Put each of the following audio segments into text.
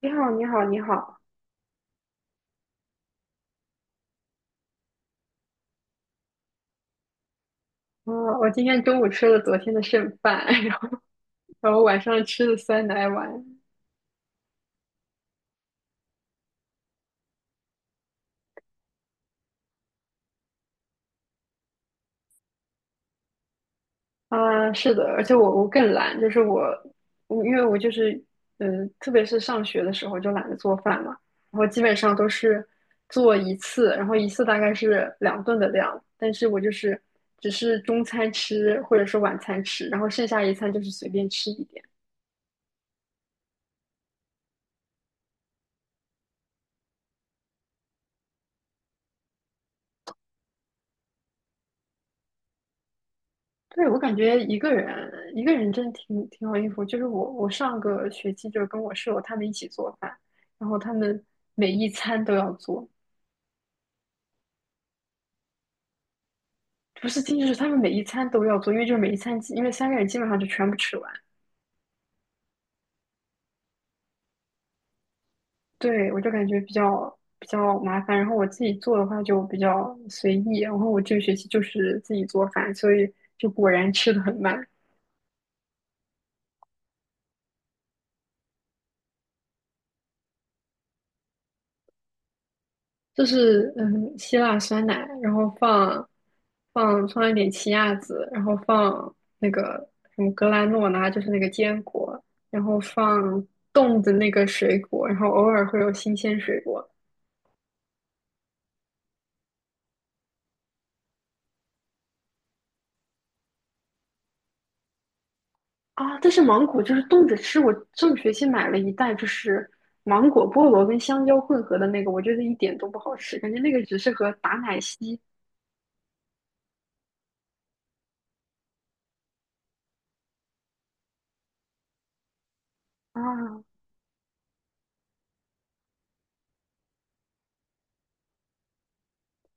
你好，你好，你好。哦，我今天中午吃了昨天的剩饭，然后晚上吃了酸奶碗。啊，是的，而且我更懒，就是我，我因为我就是特别是上学的时候就懒得做饭嘛，然后基本上都是做一次，然后一次大概是两顿的量，但是我就是只是中餐吃或者是晚餐吃，然后剩下一餐就是随便吃一点。对，我感觉一个人真的挺好应付，就是我上个学期就是跟我室友他们一起做饭，然后他们每一餐都要做，不是仅仅是他们每一餐都要做，因为就是每一餐基，因为三个人基本上就全部吃完。对，我就感觉比较麻烦。然后我自己做的话就比较随意，然后我这个学期就是自己做饭，所以就果然吃的很慢。就是希腊酸奶，然后放一点奇亚籽，然后放那个什么格兰诺拉，就是那个坚果，然后放冻的那个水果，然后偶尔会有新鲜水果。啊，但是芒果就是冻着吃。我上个学期买了一袋，就是芒果、菠萝跟香蕉混合的那个，我觉得一点都不好吃，感觉那个只适合打奶昔啊。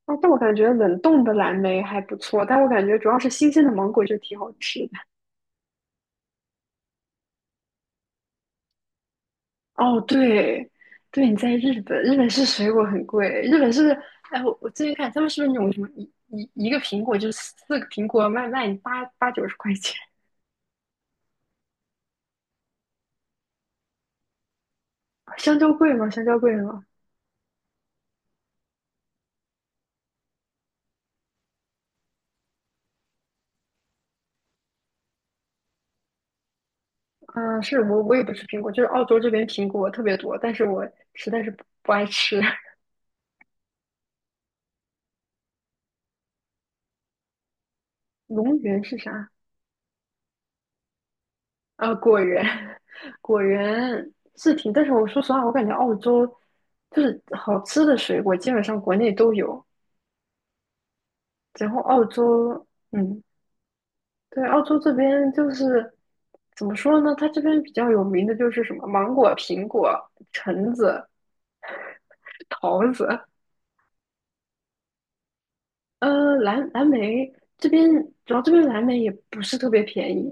啊，但我感觉冷冻的蓝莓还不错，但我感觉主要是新鲜的芒果就挺好吃的。哦，对，对，你在日本，日本是水果很贵，日本是，哎，我最近看他们是不是那种什么一个苹果就是四个苹果卖你八九十块钱，香蕉贵吗？香蕉贵吗？嗯、是我也不吃苹果，就是澳洲这边苹果特别多，但是我实在是不爱吃。龙源是啥？啊，果园，果园是挺，但是我说实话，我感觉澳洲就是好吃的水果基本上国内都有，然后澳洲。嗯，对，澳洲这边就是怎么说呢？它这边比较有名的就是什么芒果、苹果、橙子、桃子，蓝莓这边主要这边蓝莓也不是特别便宜，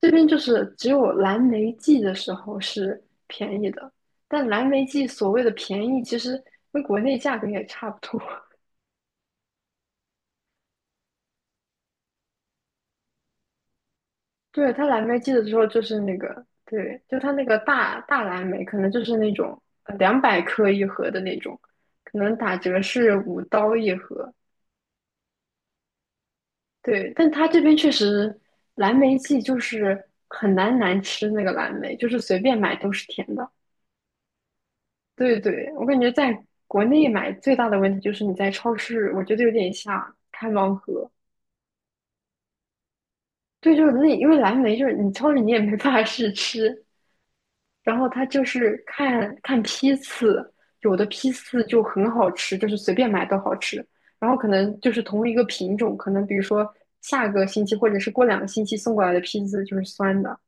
这边就是只有蓝莓季的时候是便宜的，但蓝莓季所谓的便宜，其实跟国内价格也差不多。对，它蓝莓季的时候就是那个，对，就它那个大大蓝莓，可能就是那种200克一盒的那种，可能打折是5刀一盒。对，但它这边确实蓝莓季就是很难吃那个蓝莓，就是随便买都是甜的。对对，我感觉在国内买最大的问题就是你在超市，我觉得有点像开盲盒。对，就是那因为蓝莓就是你超市你也没办法试吃，然后它就是看看批次，有的批次就很好吃，就是随便买都好吃。然后可能就是同一个品种，可能比如说下个星期或者是过两个星期送过来的批次就是酸的。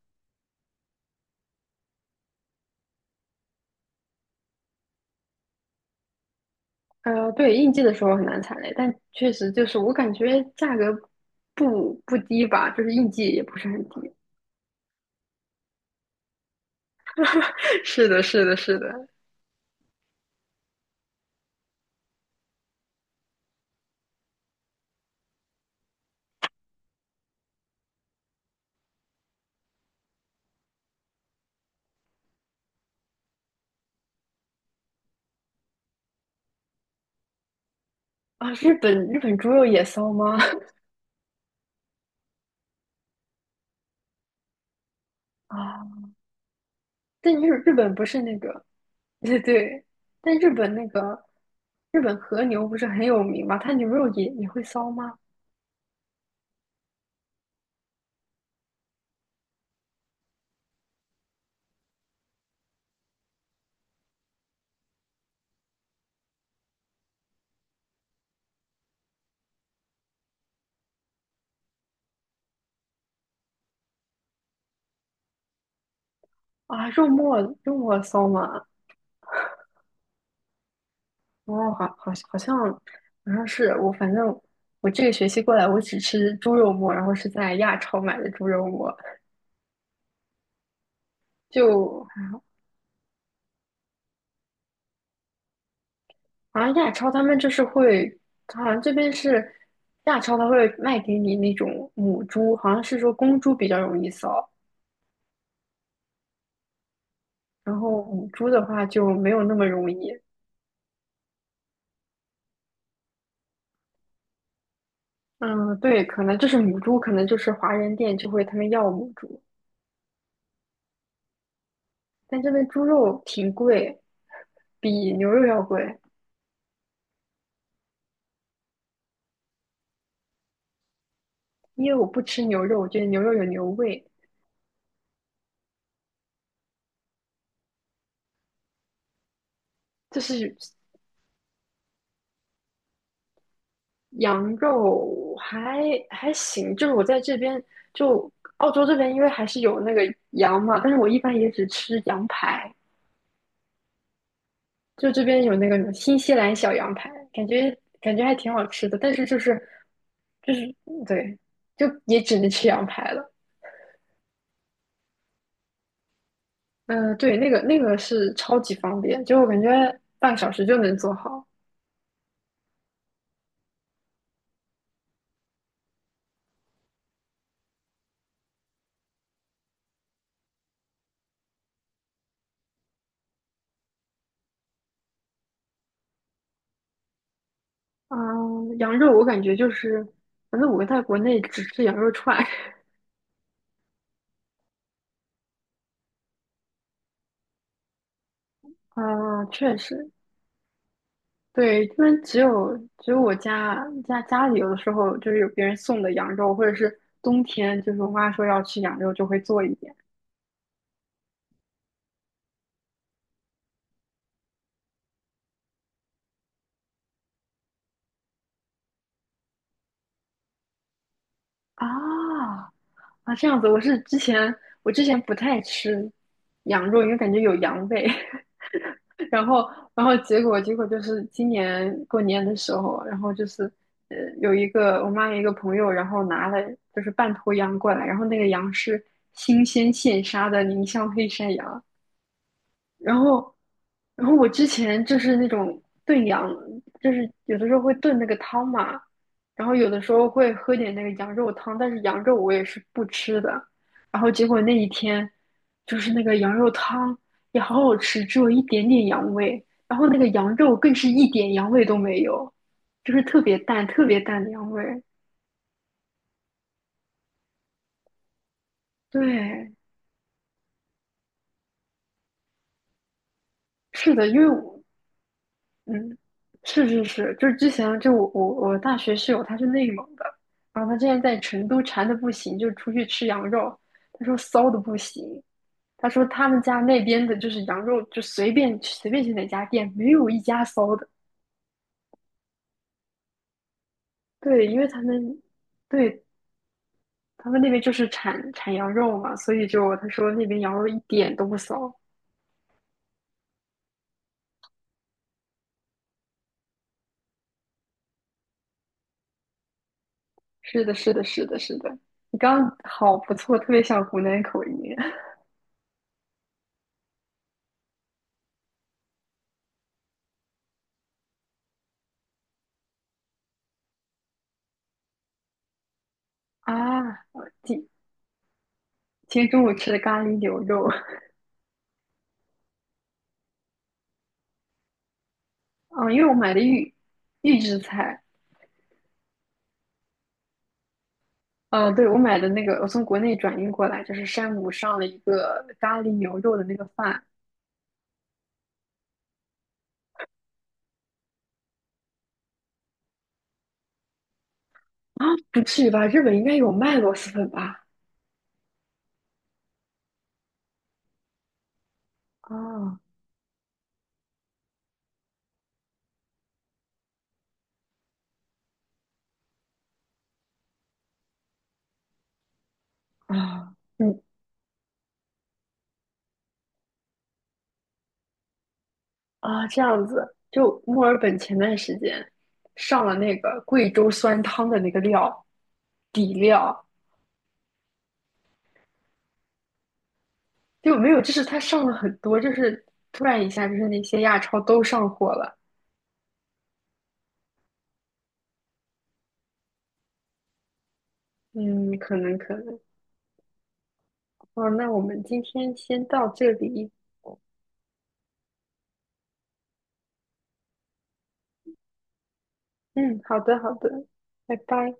对，应季的时候很难踩雷，但确实就是我感觉价格不低吧，就是应季也不是很低。是的，是的，是的。啊，日本猪肉也骚吗？啊，但日本不是那个 对对，但日本那个日本和牛不是很有名吗？它牛肉也会骚吗？啊，肉末骚吗？哦，好好好像好像是我，反正我这个学期过来，我只吃猪肉末，然后是在亚超买的猪肉末，就好像亚超他们就是会，好像这边是亚超他会卖给你那种母猪，好像是说公猪比较容易骚，然后母猪的话就没有那么容易。嗯，对，可能就是母猪，可能就是华人店就会他们要母猪，但这边猪肉挺贵，比牛肉要贵。因为我不吃牛肉，我觉得牛肉有牛味，就是羊肉还行。就是我在这边，就澳洲这边，因为还是有那个羊嘛，但是我一般也只吃羊排，就这边有那个什么新西兰小羊排，感觉还挺好吃的，但是就是对，就也只能吃羊排了。嗯，对，那个是超级方便，就我感觉半个小时就能做好。嗯、羊肉我感觉就是，反正我在国内只吃羊肉串。啊、确实，对，这边只有我家里有的时候就是有别人送的羊肉，或者是冬天就是我妈说要吃羊肉就会做一点。啊啊，这样子，我是之前我之前不太吃羊肉，因为感觉有羊味。然后，然后结果就是今年过年的时候，然后就是有一个我妈有一个朋友，然后拿了就是半头羊过来，然后那个羊是新鲜现杀的宁乡黑山羊，然后，然后我之前就是那种炖羊，就是有的时候会炖那个汤嘛，然后有的时候会喝点那个羊肉汤，但是羊肉我也是不吃的。然后结果那一天，就是那个羊肉汤也好好吃，只有一点点羊味，然后那个羊肉更是一点羊味都没有，就是特别淡、特别淡的羊味。对，是的，因为我嗯，是是是，就是之前就我大学室友他是内蒙的，然后他之前在成都馋的不行，就出去吃羊肉，他说骚的不行，他说他们家那边的就是羊肉，就随便去哪家店，没有一家骚的。对，因为他们，对，他们那边就是产羊肉嘛，所以就他说那边羊肉一点都不骚。是的，是的，是的，是的。你刚刚好不错，特别像湖南口音 啊！今今天中午吃的咖喱牛肉。嗯，因为我买的预制菜，对，我买的那个，我从国内转运过来，就是山姆上了一个咖喱牛肉的那个饭啊，不至于吧？日本应该有卖螺蛳粉吧？啊啊，嗯啊，这样子，就墨尔本前段时间上了那个贵州酸汤的那个料底料，就没有，就是它上了很多，就是突然一下，就是那些亚超都上货了。嗯，可能。哦，那我们今天先到这里。嗯，好的，好的，拜拜。